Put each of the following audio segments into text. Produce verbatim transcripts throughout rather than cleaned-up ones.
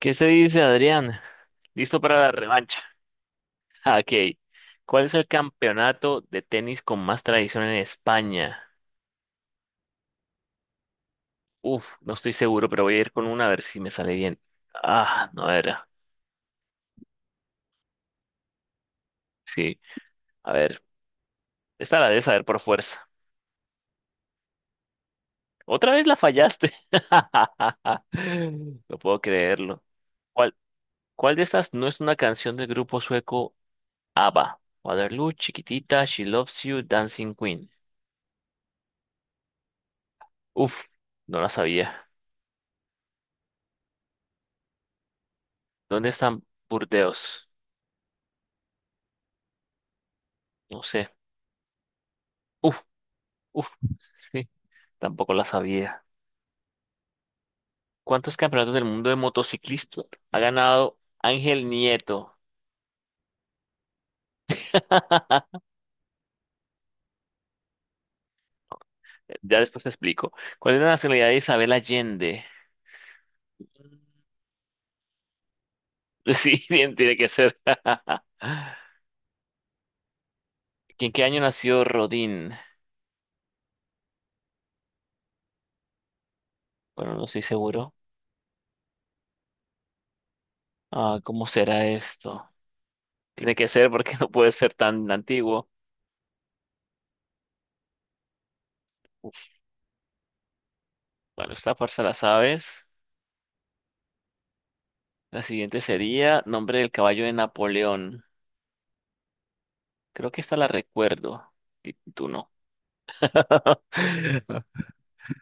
¿Qué se dice, Adrián? ¿Listo para la revancha? Ah, ok. ¿Cuál es el campeonato de tenis con más tradición en España? Uf, no estoy seguro, pero voy a ir con una a ver si me sale bien. Ah, no era. Sí, a ver. Esta la debes saber por fuerza. Otra vez la fallaste. No puedo creerlo. ¿Cuál, cuál de estas no es una canción del grupo sueco A B B A? Waterloo, Chiquitita, She Loves You, Dancing Queen. Uf, no la sabía. ¿Dónde están Burdeos? No sé. Uf, uf, sí, tampoco la sabía. ¿Cuántos campeonatos del mundo de motociclista ha ganado Ángel Nieto? Ya después te explico. ¿Cuál es la nacionalidad de Isabel Allende? Mm, sí, bien, tiene que ser. ¿En qué año nació Rodín? Bueno, no estoy seguro. Ah, ¿cómo será esto? Tiene que ser porque no puede ser tan antiguo. Uf, bueno, esta fuerza la sabes. La siguiente sería nombre del caballo de Napoleón. Creo que esta la recuerdo y tú no.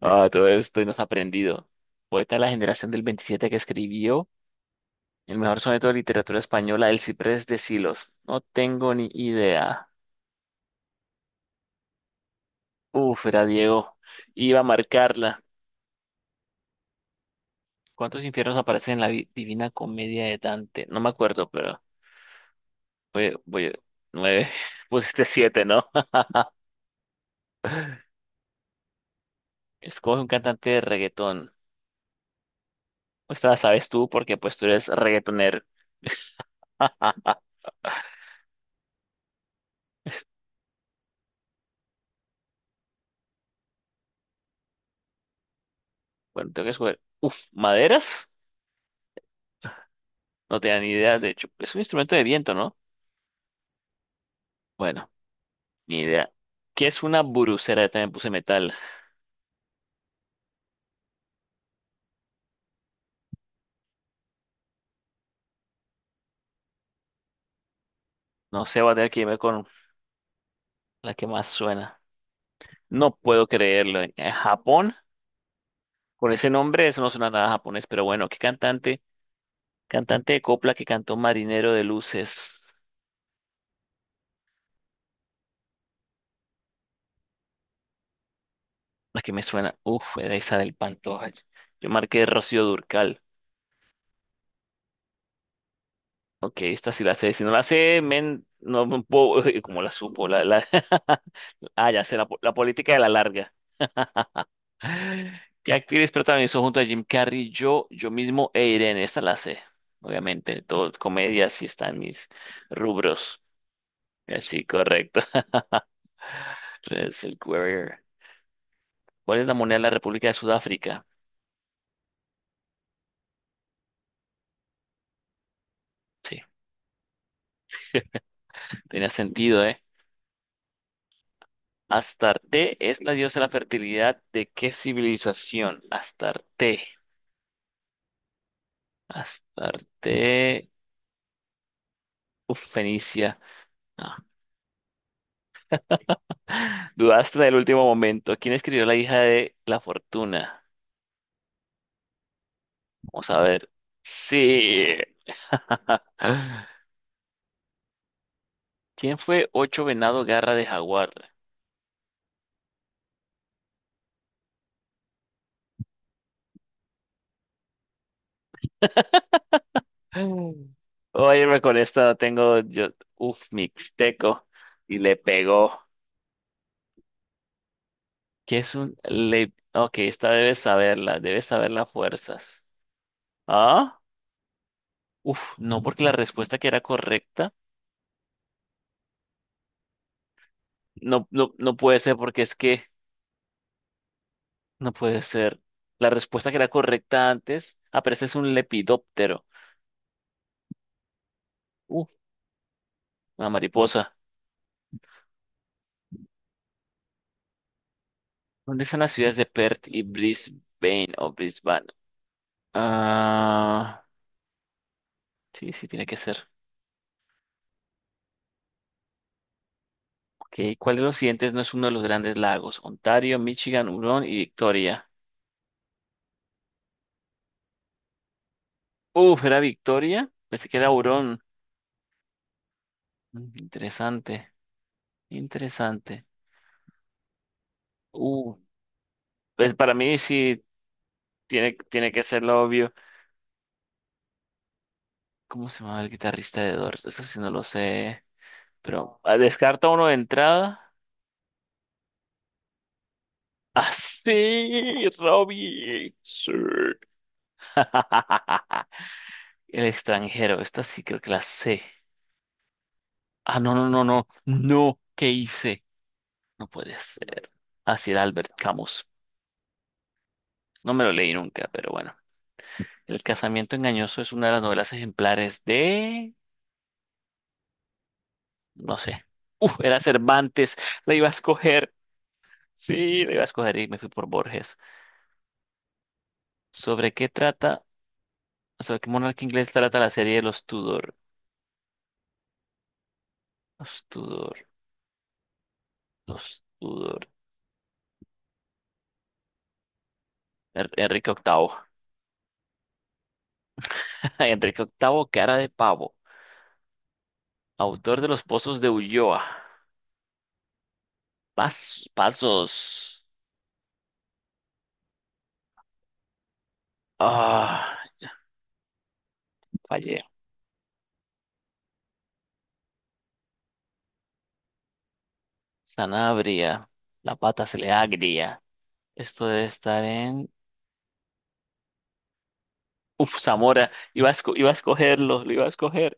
Ah, todo esto y nos ha aprendido. Poeta de la generación del veintisiete que escribió el mejor soneto de literatura española, El Ciprés de Silos. No tengo ni idea. Uf, era Diego. Iba a marcarla. ¿Cuántos infiernos aparecen en la vi- Divina Comedia de Dante? No me acuerdo, pero voy, voy- nueve. Pusiste siete, ¿no? Escoge un cantante de reggaetón. Pues te la sabes tú porque pues tú eres reggaetonero. Bueno, tengo que escoger. Uf, maderas. No tenía ni idea. De hecho, es un instrumento de viento, ¿no? Bueno, ni idea. ¿Qué es una burucera? También puse metal. No sé, voy a tener que irme con la que más suena. No puedo creerlo. En Japón, con ese nombre, eso no suena nada japonés, pero bueno, ¿qué cantante? Cantante de copla que cantó Marinero de Luces. La que me suena. Uf, era Isabel Pantoja. Yo marqué Rocío Durcal. Ok, esta sí la sé. Si no la sé, men, no me puedo, como la supo, la, la... Ah, ya sé, la, po- la política de la larga. ¿Qué actriz protagonizó junto a Jim Carrey, yo, yo mismo e Irene? Esta la sé, obviamente, todo comedia, sí están mis rubros. Eh, Sí, correcto. Es el Warrior. ¿Cuál es la moneda de la República de Sudáfrica? Sí, tenía sentido, ¿eh? ¿Astarte es la diosa de la fertilidad de qué civilización? Astarte. Astarte. Uf, Fenicia. Ah, dudaste en el último momento. ¿Quién escribió La hija de la fortuna? Vamos a ver. Sí. ¿Quién fue Ocho Venado Garra de Jaguar? Mm. Oye, con esta tengo yo. Uf, mixteco. Y le pegó. ¿Qué es un le? Ok, esta debes saberla. Debes saberla fuerzas. ¿Ah? Uf, no, porque la respuesta que era correcta. No, no, no puede ser porque es que. No puede ser. La respuesta que era correcta antes, aparece es un lepidóptero. Uh, una mariposa. ¿Dónde están las ciudades de Perth y Brisbane o Brisbane? Ah, sí, sí, tiene que ser. Ok, ¿cuál de los siguientes no es uno de los grandes lagos? Ontario, Michigan, Hurón y Victoria. Uf, ¿era Victoria? Pensé que era Hurón. Mm, interesante, interesante. Uh, pues para mí sí tiene, tiene que ser lo obvio. ¿Cómo se llama el guitarrista de Doors? Eso sí no lo sé. Pero ah, descarta uno de entrada. Así, Robbie. Sí. El extranjero. Esta sí creo que la sé. Ah, no, no, no, no. No, ¿qué hice? No puede ser. Así era Albert Camus. No me lo leí nunca, pero bueno. El casamiento engañoso es una de las novelas ejemplares de... No sé. Uf, era Cervantes. La iba a escoger. Sí, la iba a escoger y me fui por Borges. ¿Sobre qué trata? ¿Sobre qué monarca inglés trata la serie de los Tudor? Los Tudor, los Tudor. Er- Enrique Octavo, Enrique octavo, cara de pavo. Autor de los pozos de Ulloa. Pas- pasos. Ah, fallé. Sanabria. La pata se le agria. Esto debe estar en. Uf, Zamora. Iba a, esco- iba a escogerlo, lo iba a escoger.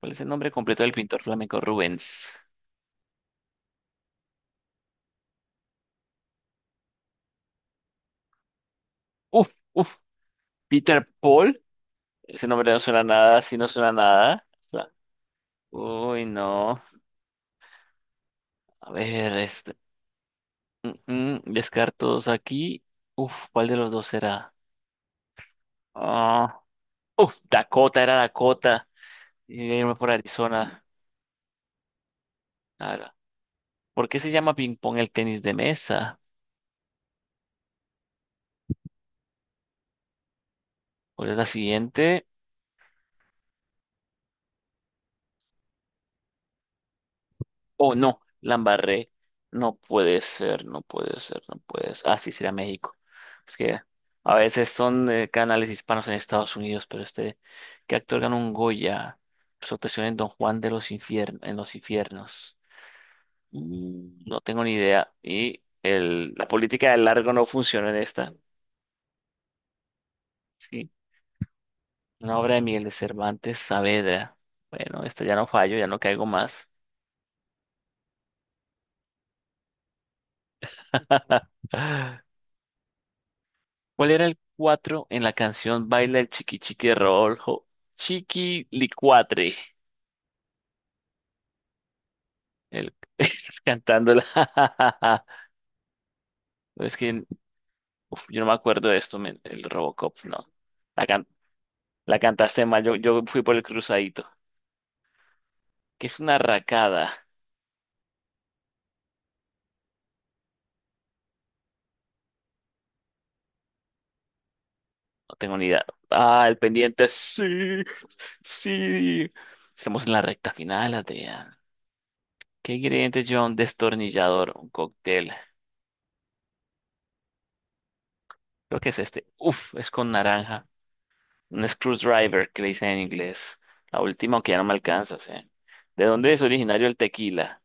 ¿Cuál es el nombre completo del pintor flamenco Rubens? Uf, uf. Peter Paul. Ese nombre no suena a nada, sí no suena a nada. Uy, no. A ver, este. Mm, mm, descartos aquí. Uf, ¿cuál de los dos será? Ah, uf, Dakota, era Dakota. Y voy a irme por Arizona. Claro. ¿Por qué se llama ping pong el tenis de mesa? ¿Cuál es la siguiente? Oh, no, la embarré. No puede ser, no puede ser, no puede ser. Ah, sí, será México. Es que a veces son eh, canales hispanos en Estados Unidos, pero este, ¿qué actor ganó un Goya? Su actuación en Don Juan de los Infiernos, en los infiernos. Mm, no tengo ni idea. Y el, la política del largo no funciona en esta. Sí. Una obra de Miguel de Cervantes Saavedra. Bueno, esta ya no fallo, ya no caigo más. ¿Cuál era el cuatro en la canción Baila el chiqui chiqui de Rodolfo? Chiqui licuatre. El, estás cantándola. No, es que uf, yo no me acuerdo de esto, men, el Robocop, no. La, can- la cantaste mal, yo, yo fui por el cruzadito. ¿Que es una racada? No tengo ni idea. Ah, el pendiente. Sí, sí. Estamos en la recta final, Adrián. ¿Qué ingrediente lleva un destornillador, un cóctel? Creo que es este. Uf, es con naranja. Un screwdriver, que le dicen en inglés. La última, aunque ya no me alcanzas, ¿eh? ¿De dónde es originario el tequila?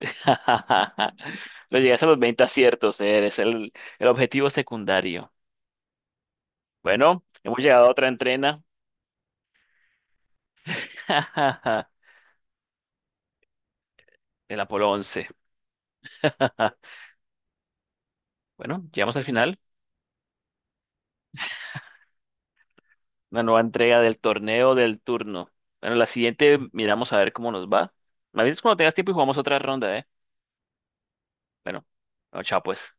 Lo llegas a los veinte aciertos, ¿eh? Eres el, el objetivo secundario. Bueno, hemos llegado a otra entrena. El Apolo Once. Bueno, llegamos al final. Una nueva entrega del torneo del turno. Bueno, la siguiente miramos a ver cómo nos va. Me avisas cuando tengas tiempo y jugamos otra ronda, ¿eh? Bueno, no, chao pues.